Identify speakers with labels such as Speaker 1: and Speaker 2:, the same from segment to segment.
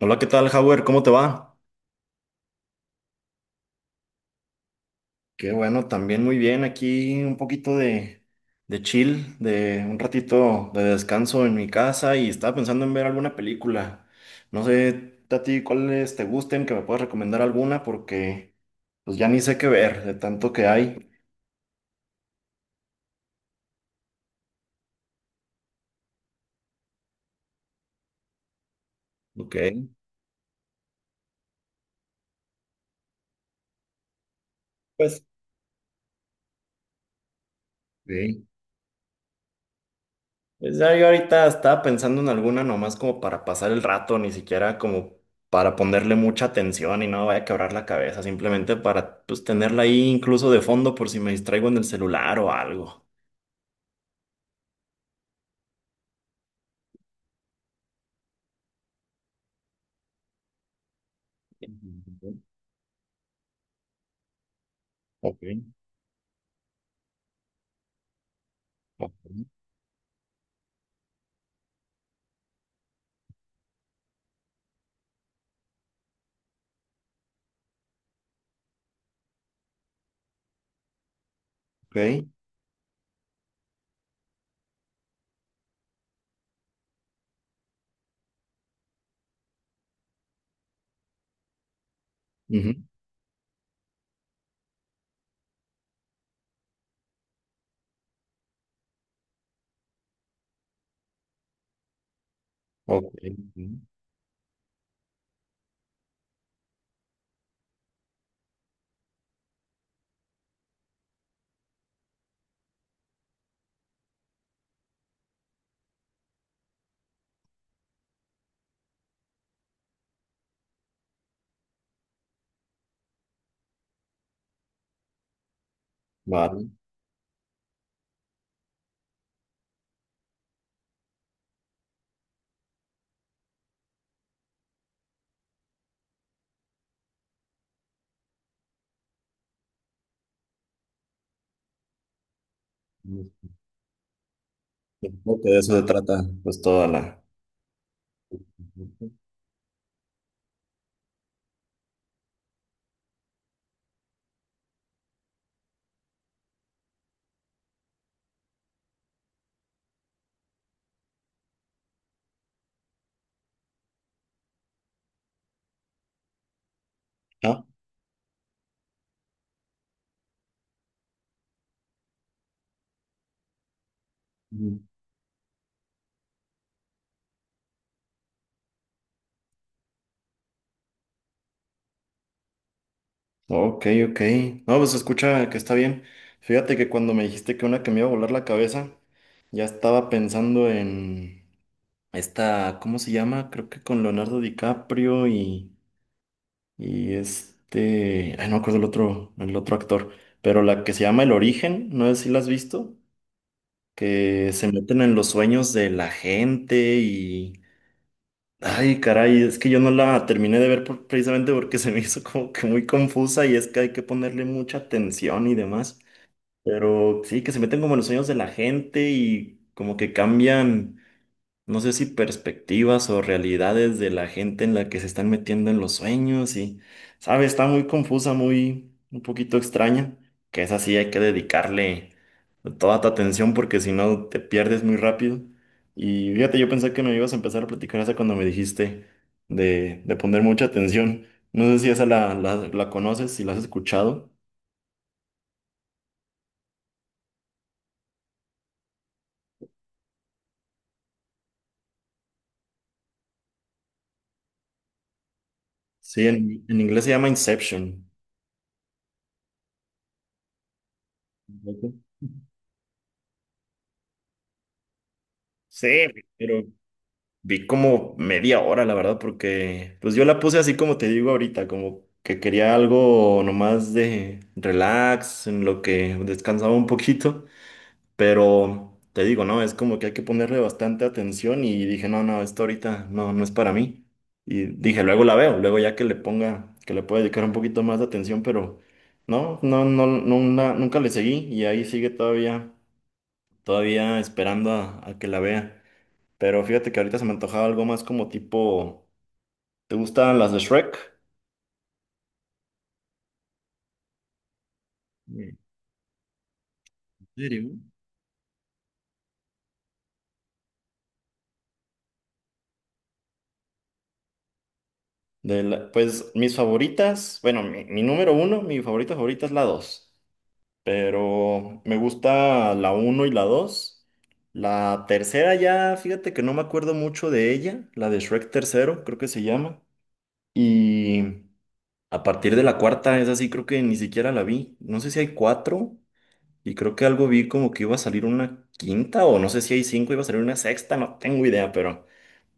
Speaker 1: Hola, ¿qué tal, Howard? ¿Cómo te va? Qué bueno, también muy bien. Aquí un poquito de chill, de un ratito de descanso en mi casa y estaba pensando en ver alguna película. No sé a ti cuáles te gusten, que me puedas recomendar alguna porque pues ya ni sé qué ver de tanto que hay. Ok. Pues, ok. Pues ya yo ahorita estaba pensando en alguna nomás como para pasar el rato, ni siquiera como para ponerle mucha atención y no vaya a quebrar la cabeza, simplemente para pues tenerla ahí incluso de fondo por si me distraigo en el celular o algo. Ujú. Ok, ok, ok, ujú, ok, ujú, vale. Creo que de eso se trata pues toda la... Ujú. ¿Ah? Ok, ok. No, pues se escucha que está bien. Fíjate que cuando me dijiste que una que me iba a volar la cabeza, ya estaba pensando en esta, ¿cómo se llama? Creo que con Leonardo DiCaprio y, y, ay, no me acuerdo el otro actor, pero la que se llama El Origen, no sé si la has visto, que se meten en los sueños de la gente. Ay, caray, es que yo no la terminé de ver precisamente porque se me hizo como que muy confusa y es que hay que ponerle mucha atención y demás. Pero sí, que se meten como en los sueños de la gente y como que cambian, no sé si perspectivas o realidades de la gente en la que se están metiendo en los sueños y, sabe, está muy confusa, muy un poquito extraña, que es así, hay que dedicarle toda tu atención porque si no te pierdes muy rápido. Y fíjate, yo pensé que me ibas a empezar a platicar esa cuando me dijiste de, poner mucha atención. No sé si esa la conoces, si la has escuchado. Sí, en, inglés se llama Inception. Sí, pero vi como media hora, la verdad, porque pues yo la puse así como te digo ahorita, como que quería algo nomás de relax, en lo que descansaba un poquito, pero te digo, no, es como que hay que ponerle bastante atención y dije, no, no, esto ahorita no, no es para mí. Y dije, luego la veo, luego ya que le ponga, que le pueda dedicar un poquito más de atención, pero no, no, no, no, nunca le seguí y ahí sigue todavía, todavía esperando a que la vea. Pero fíjate que ahorita se me antojaba algo más como tipo, ¿te gustan las de Shrek? ¿En serio? Pues mis favoritas, bueno, mi número uno, mi favorita favorita es la dos, pero me gusta la uno y la dos. La tercera ya, fíjate que no me acuerdo mucho de ella, la de Shrek tercero, creo que se llama. Y a partir de la cuarta, es así, creo que ni siquiera la vi. No sé si hay cuatro. Y creo que algo vi como que iba a salir una quinta o no sé si hay cinco, iba a salir una sexta, no tengo idea, pero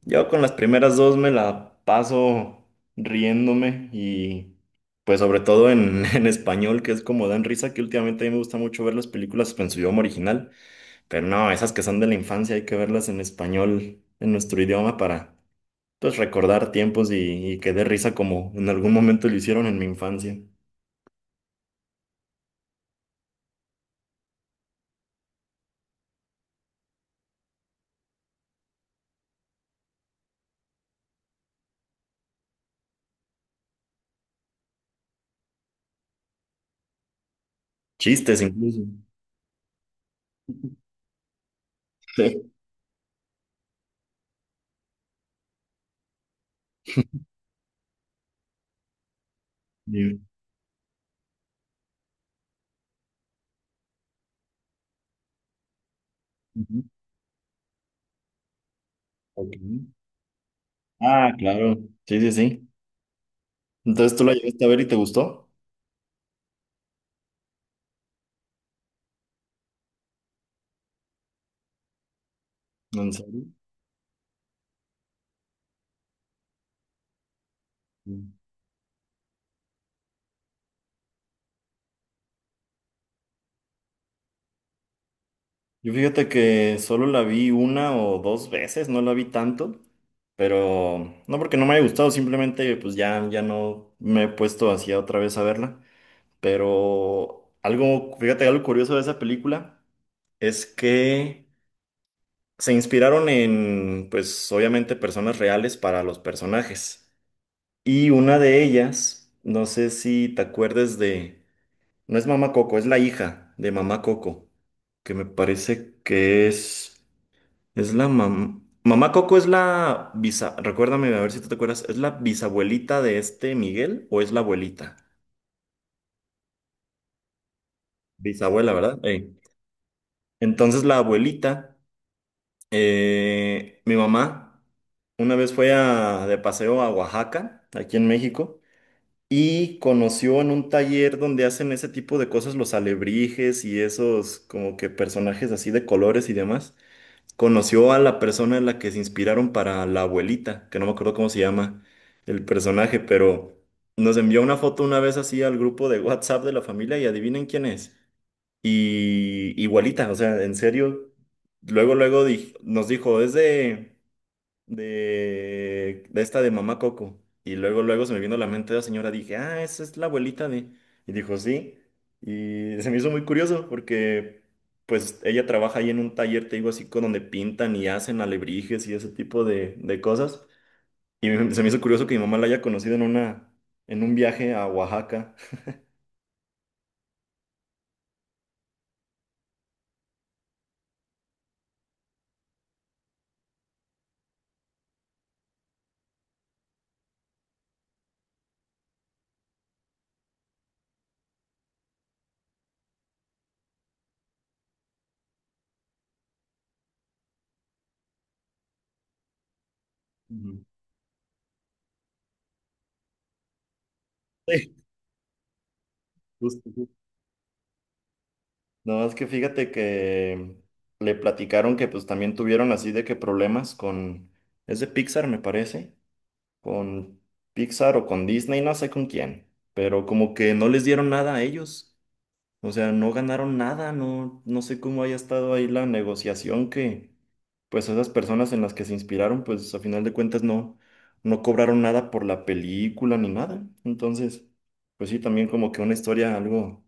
Speaker 1: yo con las primeras dos me la paso riéndome y pues sobre todo en, en español, que es como dan risa, que últimamente a mí me gusta mucho ver las películas en su idioma original, pero no, esas que son de la infancia hay que verlas en español, en nuestro idioma para pues recordar tiempos y que dé risa como en algún momento lo hicieron en mi infancia. Chistes incluso. Sí. Ujú. Ok. Ah, claro. Sí, sí, sí. Entonces tú la llegaste a ver y te gustó. ¿En serio? Mm. Yo fíjate que solo la vi una o dos veces, no la vi tanto, pero no porque no me haya gustado, simplemente pues ya, ya no me he puesto así otra vez a verla. Pero algo, fíjate, algo curioso de esa película es que se inspiraron en, pues obviamente, personas reales para los personajes. Y una de ellas, no sé si te acuerdes de... No es Mamá Coco, es la hija de Mamá Coco, que me parece que es, la mamá. Mamá Coco es la bisa, recuérdame a ver si tú te acuerdas, ¿es la bisabuelita de este Miguel o es la abuelita? Bisabuela, ¿verdad? Ey. Entonces la abuelita, mi mamá, una vez fue de paseo a Oaxaca, aquí en México, y conoció en un taller donde hacen ese tipo de cosas los alebrijes y esos como que personajes así de colores y demás. Conoció a la persona en la que se inspiraron para la abuelita, que no me acuerdo cómo se llama el personaje, pero nos envió una foto una vez así al grupo de WhatsApp de la familia y adivinen quién es. Y igualita, o sea, en serio, luego, luego nos dijo, es de de esta de Mamá Coco. Y luego, luego se me vino a la mente la señora, dije, ah, esa es la abuelita de... Y dijo, sí. Y se me hizo muy curioso porque, pues, ella trabaja ahí en un taller, te digo, así, con donde pintan y hacen alebrijes y ese tipo de, cosas. Y se me hizo curioso que mi mamá la haya conocido en una, en un viaje a Oaxaca. Ujú. Sí, justo, justo. No, es que fíjate que le platicaron que pues también tuvieron así de que problemas con... Es de Pixar, me parece. Con Pixar o con Disney, no sé con quién, pero como que no les dieron nada a ellos. O sea, no ganaron nada, no, no sé cómo haya estado ahí la negociación que, pues esas personas en las que se inspiraron, pues a final de cuentas no, no cobraron nada por la película ni nada. Entonces, pues sí, también como que una historia algo,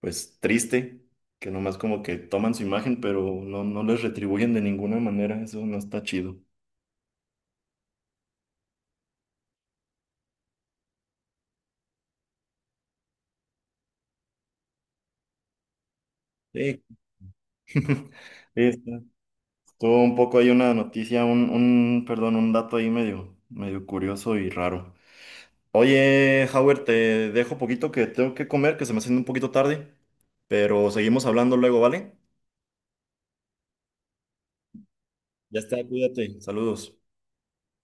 Speaker 1: pues triste, que nomás como que toman su imagen, pero no, no les retribuyen de ninguna manera, eso no está chido. Sí. Sí, está tuvo un poco ahí una noticia, perdón, un dato ahí medio, medio curioso y raro. Oye, Howard, te dejo poquito que tengo que comer, que se me haciendo un poquito tarde, pero seguimos hablando luego, ¿vale? Ya está, cuídate. Saludos.